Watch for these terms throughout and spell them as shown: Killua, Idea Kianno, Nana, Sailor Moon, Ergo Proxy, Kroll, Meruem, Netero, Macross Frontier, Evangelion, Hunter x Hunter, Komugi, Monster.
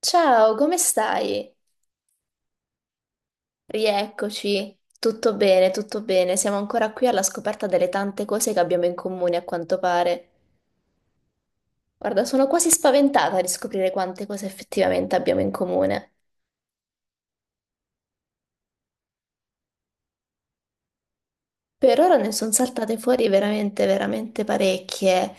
Ciao, come stai? Rieccoci. Tutto bene, tutto bene. Siamo ancora qui alla scoperta delle tante cose che abbiamo in comune, a quanto pare. Guarda, sono quasi spaventata di scoprire quante cose effettivamente abbiamo in comune. Per ora ne sono saltate fuori veramente, veramente parecchie.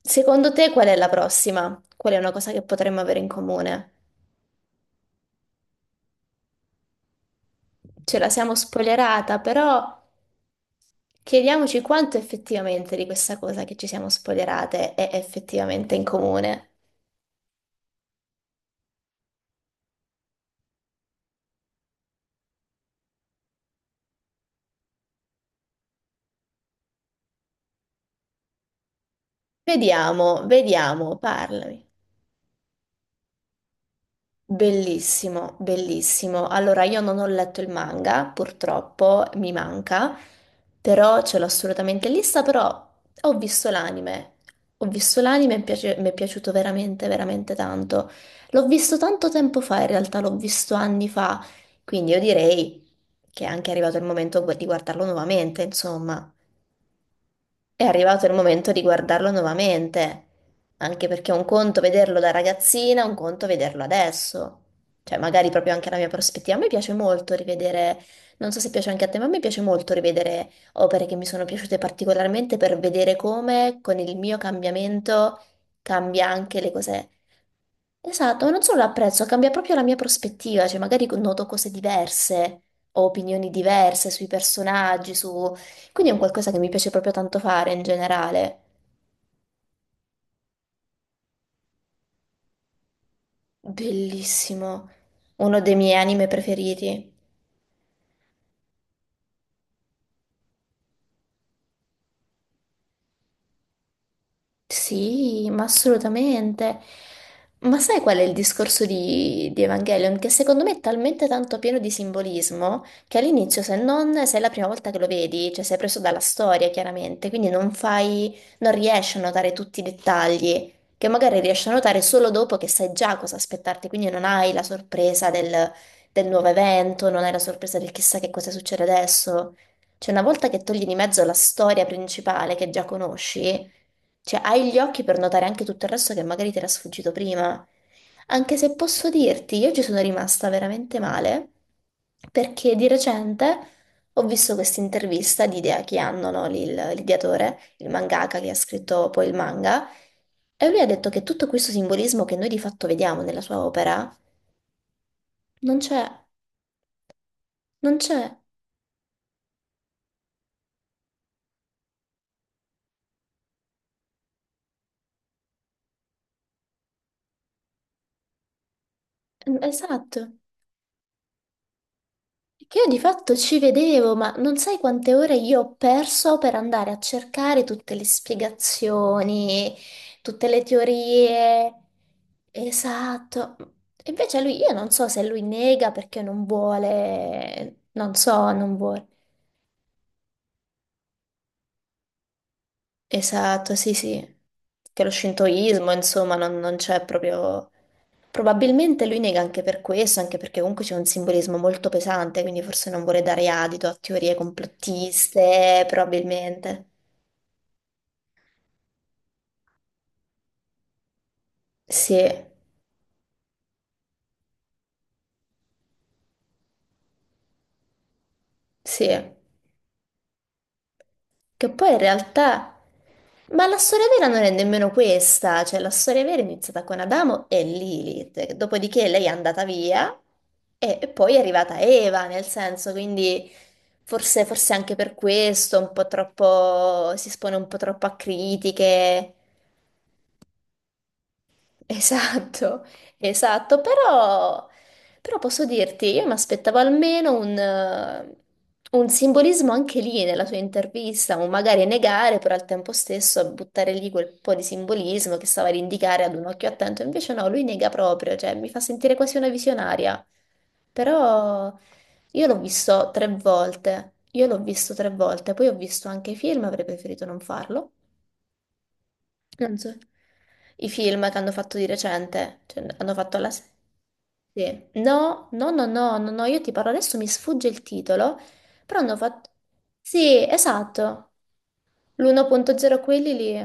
Secondo te qual è la prossima? Qual è una cosa che potremmo avere in comune? Ce la siamo spoilerata, però chiediamoci quanto effettivamente di questa cosa che ci siamo spoilerate è effettivamente in comune. Vediamo, vediamo, parlami. Bellissimo, bellissimo. Allora, io non ho letto il manga, purtroppo mi manca, però ce l'ho assolutamente in lista, però ho visto l'anime. Ho visto l'anime e mi è piaciuto veramente, veramente tanto. L'ho visto tanto tempo fa, in realtà l'ho visto anni fa, quindi io direi che è anche arrivato il momento di guardarlo nuovamente, insomma. È arrivato il momento di guardarlo nuovamente, anche perché è un conto vederlo da ragazzina, un conto vederlo adesso. Cioè, magari proprio anche la mia prospettiva. A me piace molto rivedere, non so se piace anche a te, ma a me piace molto rivedere opere che mi sono piaciute particolarmente per vedere come con il mio cambiamento cambia anche le cose. Esatto, ma non solo l'apprezzo, cambia proprio la mia prospettiva, cioè magari noto cose diverse, ho opinioni diverse sui personaggi, su quindi è un qualcosa che mi piace proprio tanto fare in generale. Bellissimo. Uno dei miei anime preferiti. Sì, ma assolutamente. Ma sai qual è il discorso di Evangelion? Che secondo me è talmente tanto pieno di simbolismo che all'inizio, se non sei la prima volta che lo vedi, cioè sei preso dalla storia, chiaramente, quindi non fai, non riesci a notare tutti i dettagli, che magari riesci a notare solo dopo che sai già cosa aspettarti, quindi non hai la sorpresa del nuovo evento, non hai la sorpresa del chissà che cosa succede adesso. Cioè, una volta che togli di mezzo la storia principale che già conosci. Cioè, hai gli occhi per notare anche tutto il resto che magari ti era sfuggito prima. Anche se posso dirti, io ci sono rimasta veramente male perché di recente ho visto questa intervista di Idea Kianno, no? Lì L'ideatore, il mangaka che ha scritto poi il manga, e lui ha detto che tutto questo simbolismo che noi di fatto vediamo nella sua opera non c'è, non c'è. Esatto. Che io di fatto ci vedevo, ma non sai quante ore io ho perso per andare a cercare tutte le spiegazioni, tutte le teorie. Esatto. E invece lui, io non so se lui nega perché non vuole, non so, non vuole. Esatto, sì, sì. Che lo scintoismo, insomma, non c'è proprio... Probabilmente lui nega anche per questo, anche perché comunque c'è un simbolismo molto pesante, quindi forse non vuole dare adito a teorie complottiste, probabilmente. Sì, sì. Che poi in realtà... Ma la storia vera non è nemmeno questa, cioè la storia vera è iniziata con Adamo e Lilith, dopodiché lei è andata via e poi è arrivata Eva, nel senso, quindi forse, forse anche per questo un po' troppo, si espone un po' troppo a critiche. Esatto, esatto, però, però, posso dirti, io mi aspettavo almeno un simbolismo anche lì nella sua intervista, o magari negare, però al tempo stesso buttare lì quel po' di simbolismo che stava ad indicare ad un occhio attento, invece no, lui nega proprio, cioè mi fa sentire quasi una visionaria, però io l'ho visto 3 volte, io l'ho visto 3 volte, poi ho visto anche i film, avrei preferito non farlo. Non so. I film che hanno fatto di recente, cioè, hanno fatto la... Sì. No, no, no, no, no, no, io ti parlo adesso, mi sfugge il titolo, però hanno fatto... Sì, esatto, l'1.0 quelli lì,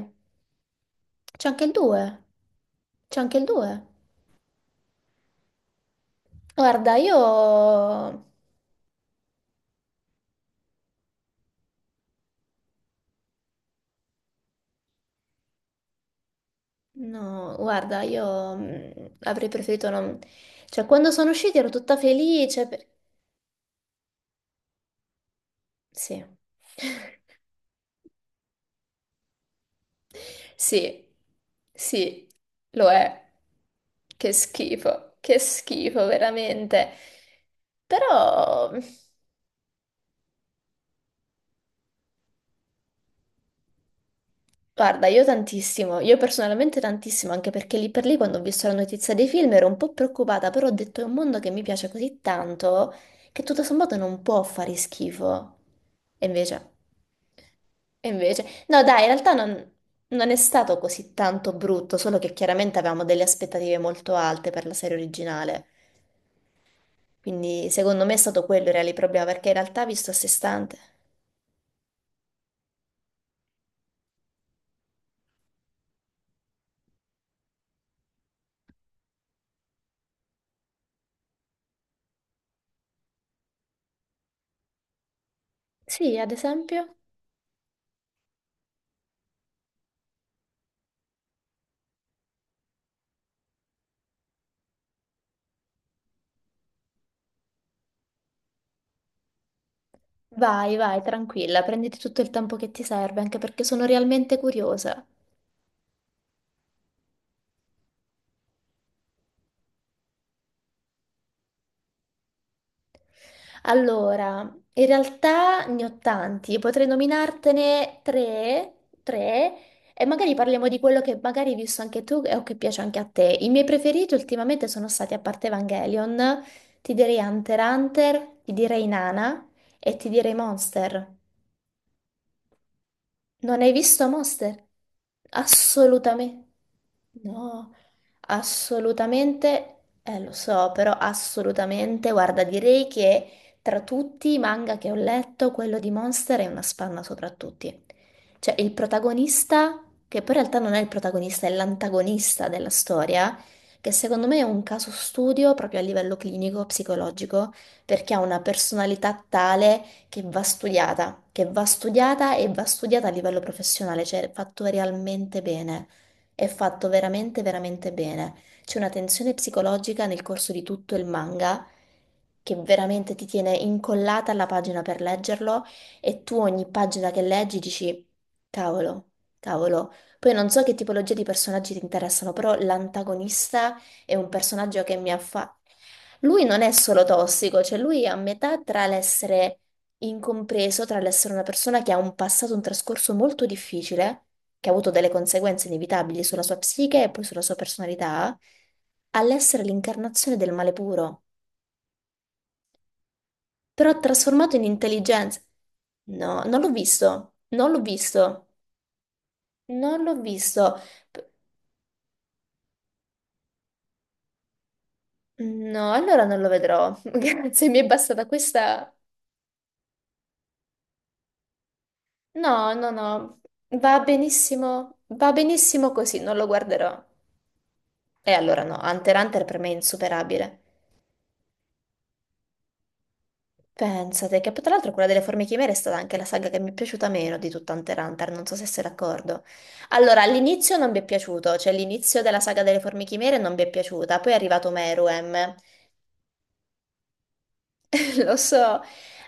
c'è anche il 2, c'è anche il 2. Guarda, io... No, guarda, io avrei preferito non... Cioè, quando sono usciti ero tutta felice, Sì. Sì, sì, lo è. Che schifo, veramente. Però, guarda, io tantissimo, io personalmente tantissimo, anche perché lì per lì quando ho visto la notizia dei film ero un po' preoccupata, però ho detto è un mondo che mi piace così tanto che tutto sommato non può fare schifo. E invece, e invece, no, dai, in realtà non, non è stato così tanto brutto, solo che chiaramente avevamo delle aspettative molto alte per la serie originale. Quindi secondo me è stato quello il reale problema, perché in realtà visto a sé stante. Sì, ad esempio, vai, vai, tranquilla, prenditi tutto il tempo che ti serve, anche perché sono realmente curiosa. Allora, in realtà ne ho tanti, potrei nominartene tre, tre, e magari parliamo di quello che magari hai visto anche tu o che piace anche a te. I miei preferiti ultimamente sono stati, a parte Evangelion, ti direi Hunter x Hunter, ti direi Nana e ti direi Monster. Non hai visto Monster? Assolutamente. No, assolutamente. Lo so, però assolutamente. Guarda, direi che tra tutti i manga che ho letto, quello di Monster è una spanna sopra tutti. Cioè, il protagonista, che poi in realtà non è il protagonista, è l'antagonista della storia, che secondo me è un caso studio proprio a livello clinico, psicologico, perché ha una personalità tale che va studiata e va studiata a livello professionale, cioè è fatto realmente bene, è fatto veramente, veramente bene. C'è una tensione psicologica nel corso di tutto il manga che veramente ti tiene incollata alla pagina per leggerlo e tu ogni pagina che leggi dici, cavolo, cavolo. Poi non so che tipologia di personaggi ti interessano, però l'antagonista è un personaggio che mi ha fatto... Lui non è solo tossico, cioè lui è a metà tra l'essere incompreso tra l'essere una persona che ha un passato, un trascorso molto difficile, che ha avuto delle conseguenze inevitabili sulla sua psiche e poi sulla sua personalità, all'essere l'incarnazione del male puro, però trasformato in intelligenza. No, non l'ho visto, non l'ho visto, non l'ho visto. P- No, allora non lo vedrò. Grazie, mi è bastata questa. No, no, no, va benissimo così, non lo guarderò. E allora no, Hunter x Hunter per me è insuperabile. Pensate che poi tra l'altro quella delle formiche chimere è stata anche la saga che mi è piaciuta meno di tutta Hunter x Hunter, non so se sei d'accordo. Allora, all'inizio non mi è piaciuto, cioè l'inizio della saga delle formiche chimere non mi è piaciuta, poi è arrivato Meruem, lo so.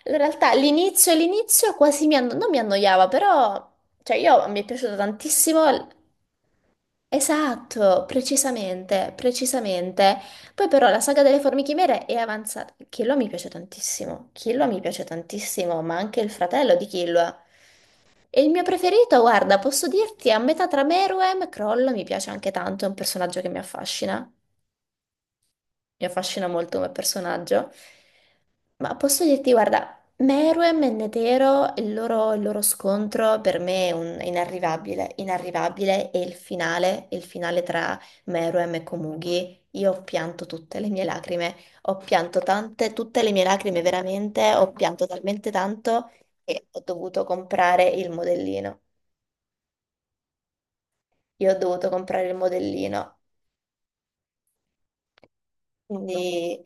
In realtà l'inizio, l'inizio quasi non mi annoiava, però cioè io mi è piaciuto tantissimo. Esatto, precisamente, precisamente. Poi però la saga delle formiche chimere è avanzata. Killua mi piace tantissimo, Killua mi piace tantissimo, ma anche il fratello di Killua. E il mio preferito, guarda, posso dirti, è a metà tra Meruem e Kroll, mi piace anche tanto, è un personaggio che mi affascina molto come personaggio, ma posso dirti, guarda, Meruem e Netero, il loro scontro per me è è inarrivabile, inarrivabile, e il finale tra Meruem e Komugi, io ho pianto tutte le mie lacrime, ho pianto tante, tutte le mie lacrime veramente, ho pianto talmente tanto che ho dovuto comprare il modellino. Io ho dovuto comprare il modellino, Madonna. Quindi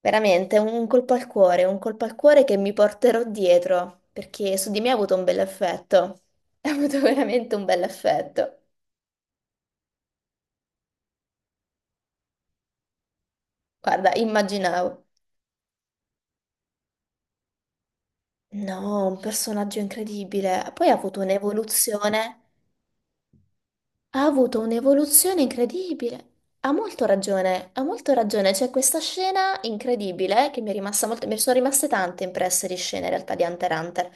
veramente un colpo al cuore, un colpo al cuore che mi porterò dietro, perché su di me ha avuto un bel effetto. Ha avuto veramente un bel effetto. Guarda, immaginavo. No, un personaggio incredibile. Poi ha avuto un'evoluzione. Ha avuto un'evoluzione incredibile. Ha molto ragione, ha molto ragione. C'è questa scena incredibile che mi è rimasta molto... Mi sono rimaste tante impresse di scene in realtà di Hunter x Hunter.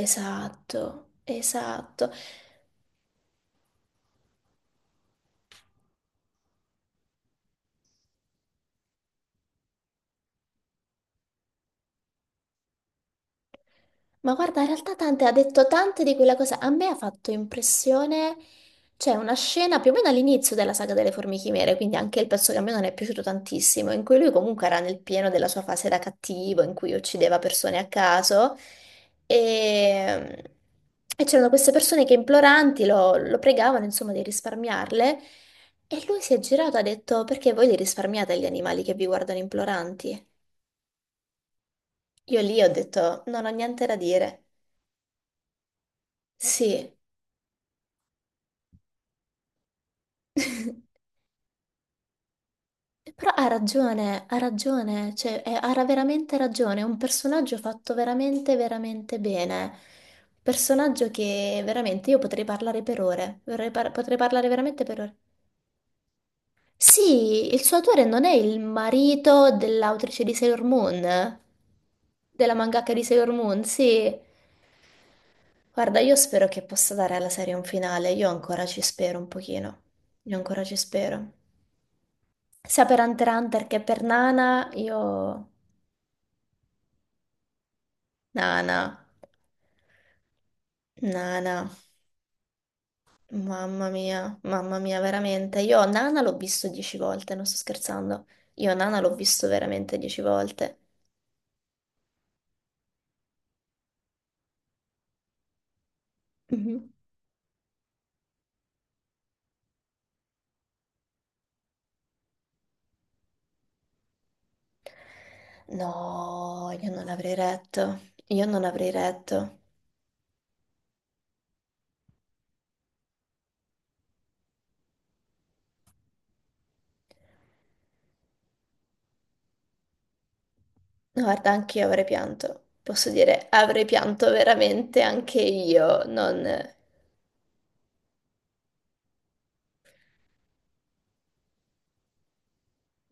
Esatto, esatto. Ma guarda, in realtà Tante ha detto tante di quella cosa. A me ha fatto impressione, c'è una scena più o meno all'inizio della saga delle Formiche Chimere, quindi anche il pezzo che a me non è piaciuto tantissimo, in cui lui comunque era nel pieno della sua fase da cattivo, in cui uccideva persone a caso. E, e c'erano queste persone che imploranti lo pregavano, insomma, di risparmiarle. E lui si è girato e ha detto: perché voi li risparmiate gli animali che vi guardano imploranti? Io lì ho detto, non ho niente da dire. Sì, però ha ragione, cioè ha veramente ragione, è un personaggio fatto veramente, veramente bene. Personaggio che veramente io potrei parlare per ore, potrei parlare veramente per ore. Sì, il suo autore non è il marito dell'autrice di Sailor Moon, della mangaka di Sailor Moon, sì. Guarda, io spero che possa dare alla serie un finale, io ancora ci spero un pochino, io ancora ci spero. Sia per Hunter x Hunter che per Nana, io... Nana, Nana, mamma mia, veramente. Io Nana l'ho visto 10 volte, non sto scherzando. Io Nana l'ho visto veramente 10 volte. Mhm. No, io non avrei retto. Io non avrei retto. No, guarda, anche io avrei pianto. Posso dire, avrei pianto veramente anche io. Non...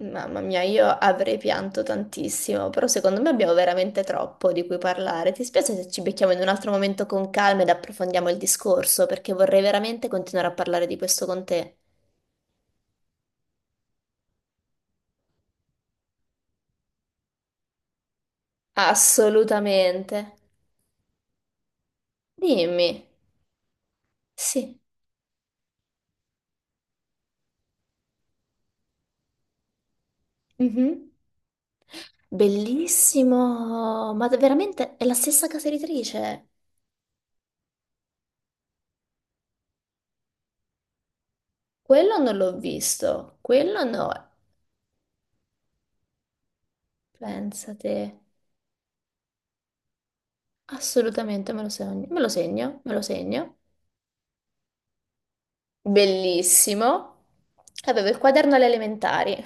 Mamma mia, io avrei pianto tantissimo, però secondo me abbiamo veramente troppo di cui parlare. Ti spiace se ci becchiamo in un altro momento con calma ed approfondiamo il discorso, perché vorrei veramente continuare a parlare di questo con te. Assolutamente. Dimmi. Sì. Mhm. Bellissimo, ma veramente è la stessa casa editrice. Quello non l'ho visto, quello no. Pensate. Assolutamente, me lo segno, me lo segno, me lo segno. Bellissimo. Avevo il quaderno alle elementari.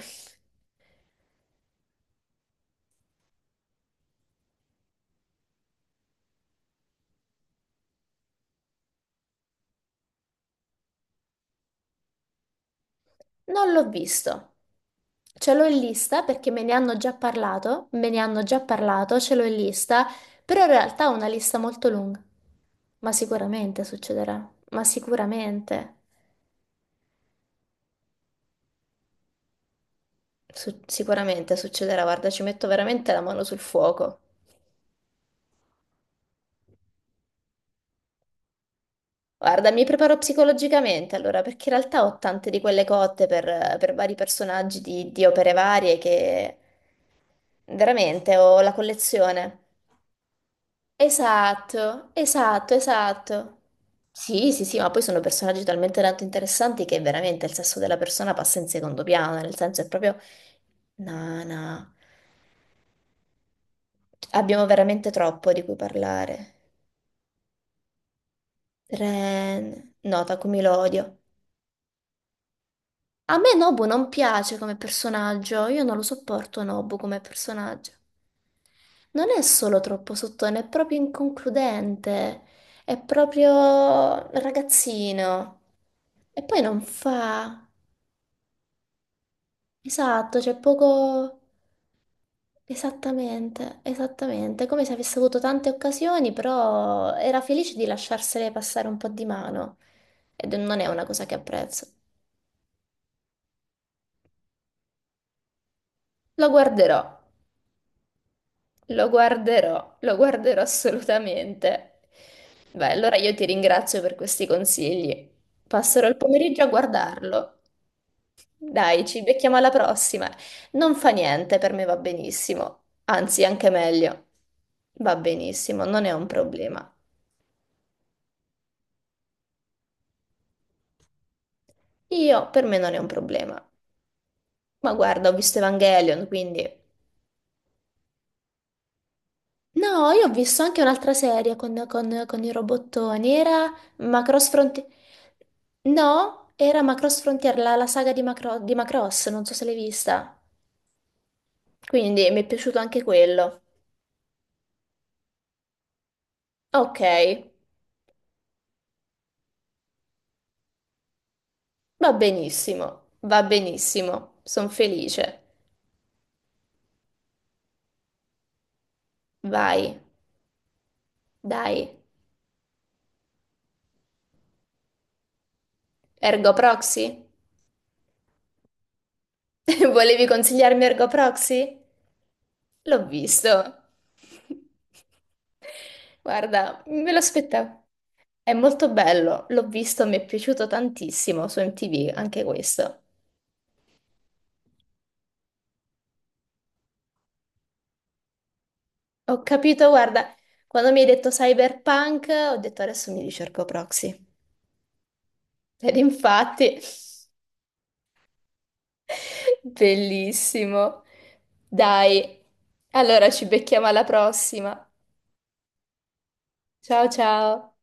Non l'ho visto. Ce l'ho in lista perché me ne hanno già parlato, me ne hanno già parlato, ce l'ho in lista, però in realtà è una lista molto lunga. Ma sicuramente succederà, ma sicuramente, sicuramente succederà, guarda, ci metto veramente la mano sul fuoco. Guarda, mi preparo psicologicamente allora, perché in realtà ho tante di quelle cotte per vari personaggi di opere varie che veramente ho la collezione. Esatto, esatto, esatto. Sì, sì, sì, ma poi sono personaggi talmente tanto interessanti che veramente il sesso della persona passa in secondo piano, nel senso è proprio... No, no, abbiamo veramente troppo di cui parlare. Ren, no, Takumi lo odio. A me Nobu non piace come personaggio, io non lo sopporto Nobu come personaggio. Non è solo troppo sottone, è proprio inconcludente, è proprio ragazzino. E poi non fa. Esatto, c'è poco... Esattamente, esattamente, è come se avesse avuto tante occasioni, però era felice di lasciarsele passare un po' di mano. Ed non è una cosa che apprezzo. Lo guarderò. Lo guarderò, lo guarderò assolutamente. Beh, allora io ti ringrazio per questi consigli. Passerò il pomeriggio a guardarlo. Dai, ci becchiamo alla prossima. Non fa niente, per me va benissimo. Anzi, anche meglio. Va benissimo, non è un problema. Io, per me non è un problema. Ma guarda, ho visto Evangelion, quindi... No, io ho visto anche un'altra serie con i robottoni. Era Macross Frontier. No, era Macross Frontier, la saga di Macross, non so se l'hai vista. Quindi mi è piaciuto anche quello. Ok, va benissimo, sono felice. Vai, dai. Ergo Proxy? Volevi consigliarmi Ergo Proxy? L'ho visto. Guarda, me lo aspettavo. È molto bello, l'ho visto, mi è piaciuto tantissimo su MTV, anche questo. Ho capito, guarda, quando mi hai detto cyberpunk, ho detto adesso mi ricerco Proxy. Ed infatti, bellissimo. Dai, allora ci becchiamo alla prossima. Ciao ciao.